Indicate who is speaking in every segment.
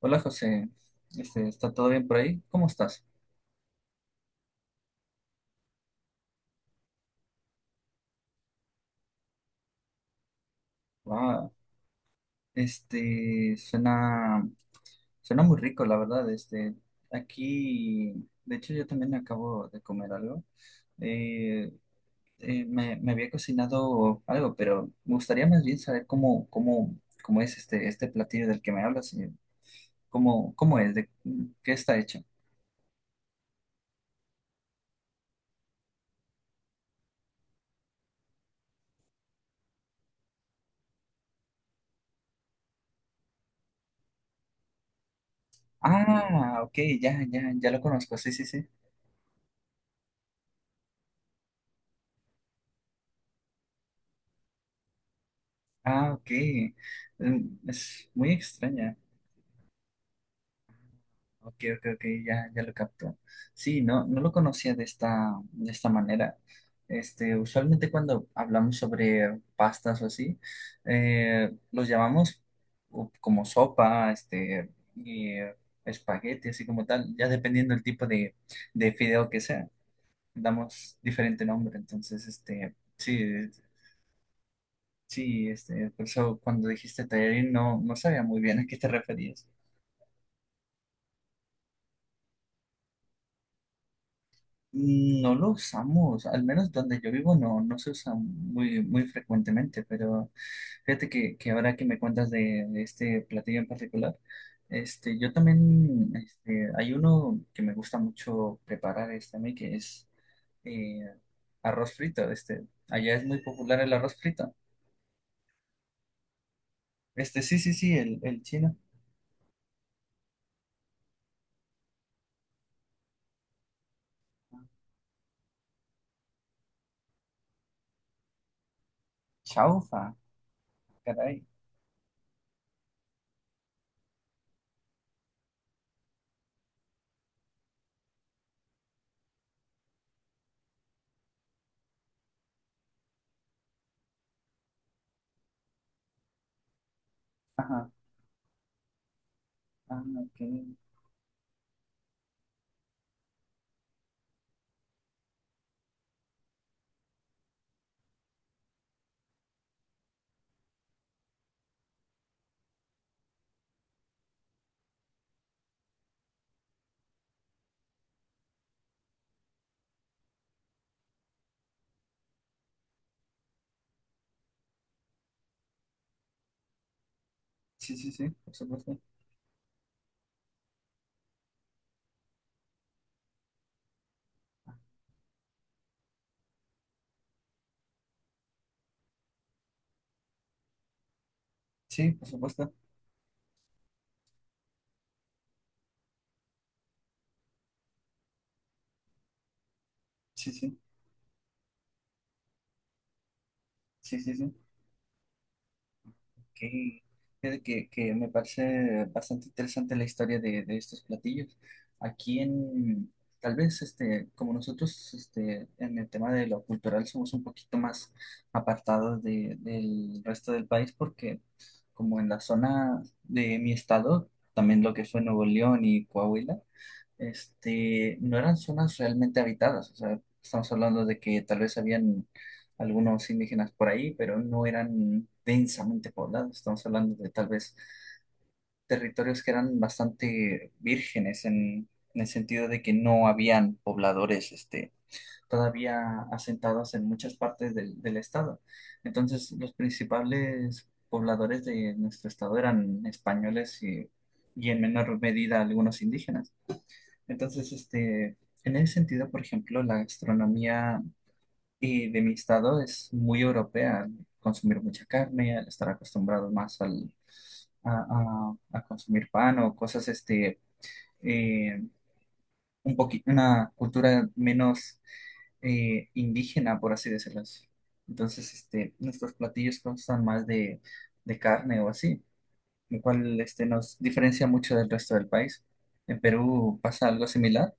Speaker 1: Hola José, ¿está todo bien por ahí? ¿Cómo estás? Wow, este, suena, suena muy rico, la verdad. Aquí, de hecho, yo también acabo de comer algo. Eh, me había cocinado algo, pero me gustaría más bien saber cómo es este platillo del que me hablas. Cómo es, de qué está hecho. Ah, ok, ya, ya, ya lo conozco, sí, sí, sí. Ah, ok. Es muy extraña. Ok, ok, ok, ya, ya lo capto. Sí, no, no lo conocía de esta manera. Usualmente cuando hablamos sobre pastas o así, los llamamos como sopa, y, espagueti, así como tal, ya dependiendo del tipo de fideo que sea, damos diferente nombre. Entonces, sí, sí, por eso cuando dijiste tallarín no sabía muy bien a qué te referías. No lo usamos, al menos donde yo vivo no se usa muy, muy frecuentemente, pero fíjate que ahora que me cuentas de este platillo en particular. Yo también. Hay uno que me gusta mucho preparar a mí, que es eh, arroz frito. Allá es muy popular el arroz frito. Sí, sí, sí, el chino. Chaufa. Caray. Ajá. Ah, ok. Sí, sí, sí, por supuesto. Sí, por supuesto. Sí, sí, sí, sí, sí. que, que me parece bastante interesante la historia de estos platillos. Aquí en, tal vez, como nosotros, en el tema de lo cultural somos un poquito más apartados del resto del país, porque como en la zona de mi estado, también lo que fue Nuevo León y Coahuila, no eran zonas realmente habitadas. O sea, estamos hablando de que tal vez habían algunos indígenas por ahí, pero no eran densamente poblados. Estamos hablando de tal vez territorios que eran bastante vírgenes en el sentido de que no habían pobladores, todavía asentados en muchas partes del estado. Entonces, los principales pobladores de nuestro estado eran españoles y en menor medida algunos indígenas. Entonces, en ese sentido, por ejemplo, la gastronomía de mi estado es muy europea. Consumir mucha carne, al estar acostumbrado más a consumir pan o cosas, eh, un poquito, una cultura menos indígena, por así decirlo. Entonces, nuestros platillos constan más de carne o así, lo cual, nos diferencia mucho del resto del país. En Perú pasa algo similar,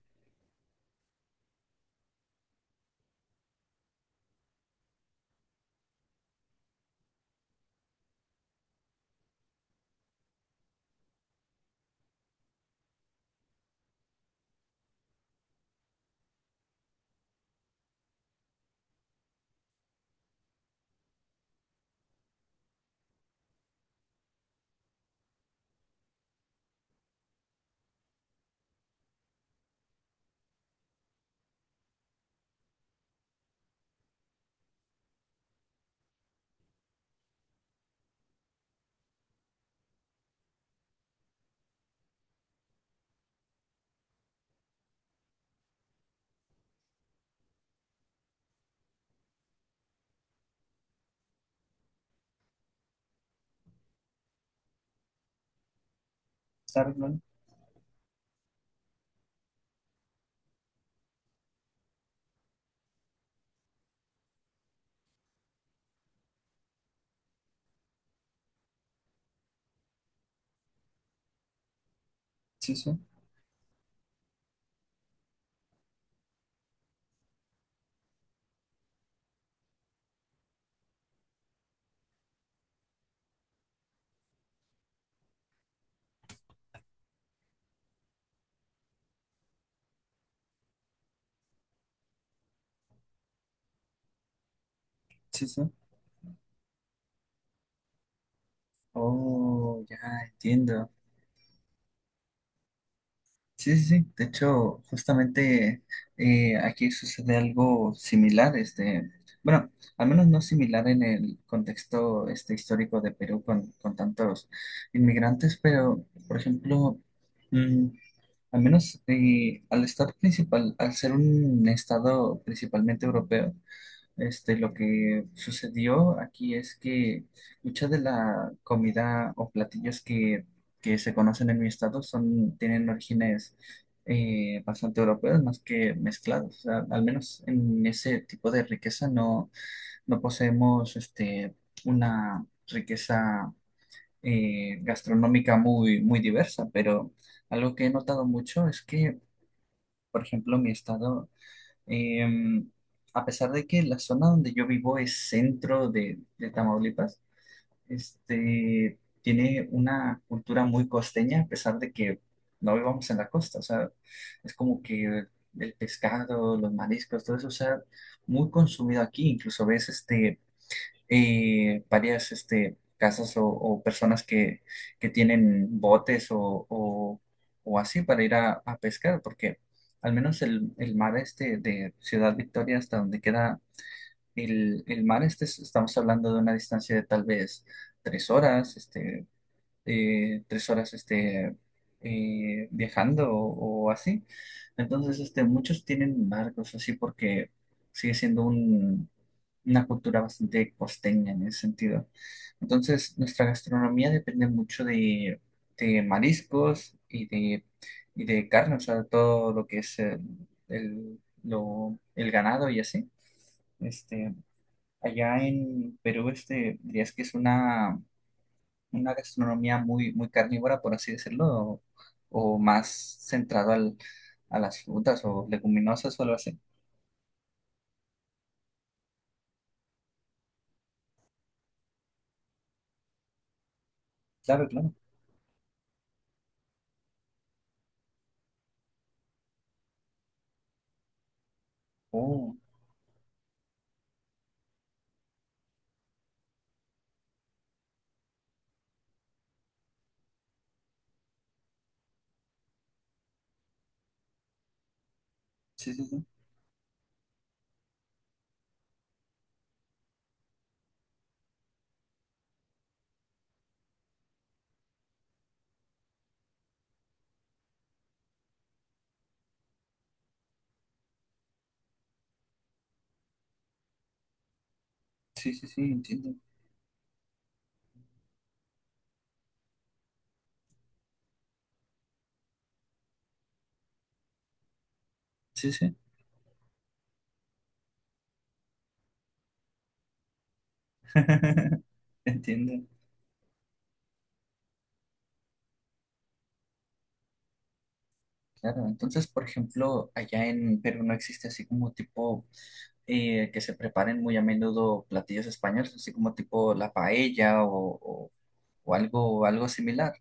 Speaker 1: ¿sabes, Lon? Sí, sí. Sí, sí. Oh, ya entiendo. Sí, sí, sí. De hecho, justamente aquí sucede algo similar. Bueno, al menos no similar en el contexto histórico de Perú con tantos inmigrantes, pero, por ejemplo, mm, al menos al estado principal, al ser un estado principalmente europeo. Lo que sucedió aquí es que mucha de la comida o platillos que se conocen en mi estado tienen orígenes bastante europeos, más que mezclados. O sea, al menos en ese tipo de riqueza no poseemos una riqueza gastronómica muy, muy diversa, pero algo que he notado mucho es que, por ejemplo, mi estado, Em, a pesar de que la zona donde yo vivo es centro de Tamaulipas, tiene una cultura muy costeña, a pesar de que no vivamos en la costa. O sea, es como que el pescado, los mariscos, todo eso, o sea, muy consumido aquí. Incluso ves varias casas o personas que tienen botes o así para ir a pescar, porque al menos el mar de Ciudad Victoria hasta donde queda el mar, estamos hablando de una distancia de tal vez tres horas, tres horas, viajando o así. Entonces, muchos tienen barcos así porque sigue siendo una cultura bastante costeña en ese sentido. Entonces, nuestra gastronomía depende mucho de mariscos y de carne, o sea, todo lo que es el ganado y así. Este, allá en Perú, dirías que es una gastronomía muy, muy carnívora, por así decirlo, o más centrado a las frutas o leguminosas o algo así. Claro, claro. Oh, sí, sí, sí. Sí, sí, sí, entiendo. Sí, sí. Entiendo. Claro, entonces, por ejemplo, allá en Perú no existe así como tipo que se preparen muy a menudo platillos españoles, así como tipo la paella o algo similar.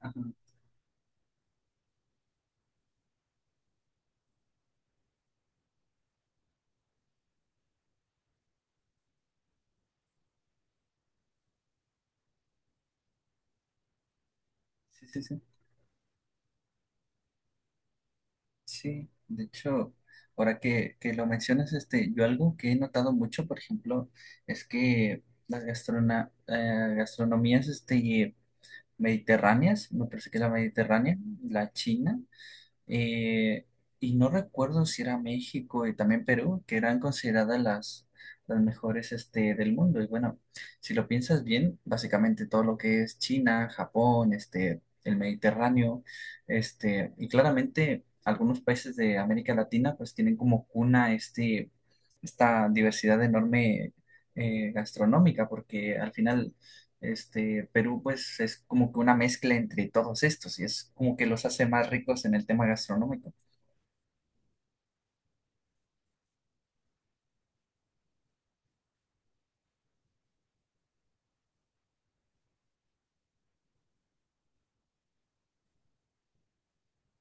Speaker 1: Ajá. Sí, sí, sí. Sí, de hecho, ahora que lo mencionas, yo algo que he notado mucho, por ejemplo, es que las gastronomías mediterráneas, me parece que la mediterránea, la china, eh, y no recuerdo si era México y también Perú, que eran consideradas las mejores del mundo. Y bueno, si lo piensas bien, básicamente todo lo que es China, Japón, el Mediterráneo, y claramente algunos países de América Latina pues tienen como cuna esta diversidad enorme gastronómica, porque al final Perú pues es como que una mezcla entre todos estos y es como que los hace más ricos en el tema gastronómico.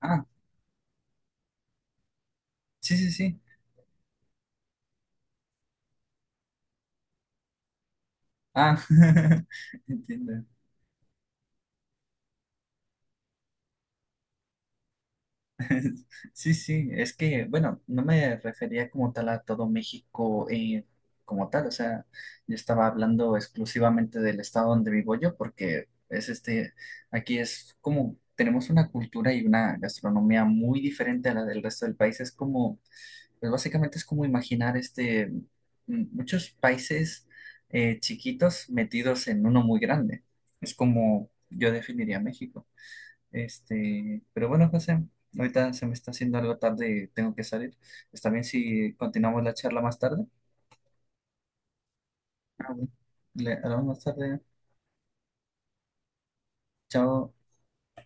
Speaker 1: Ah, sí, sí, sí. Ah, entiendo. Sí, sí, es que, bueno, no me refería como tal a todo México, como tal, o sea, yo estaba hablando exclusivamente del estado donde vivo yo porque es aquí es como, tenemos una cultura y una gastronomía muy diferente a la del resto del país, es como pues básicamente es como imaginar muchos países chiquitos metidos en uno muy grande. Es como yo definiría México. Pero bueno, José, ahorita se me está haciendo algo tarde y tengo que salir. ¿Está bien si continuamos la charla más tarde? Ah, bueno. Le hablamos más tarde. Chao.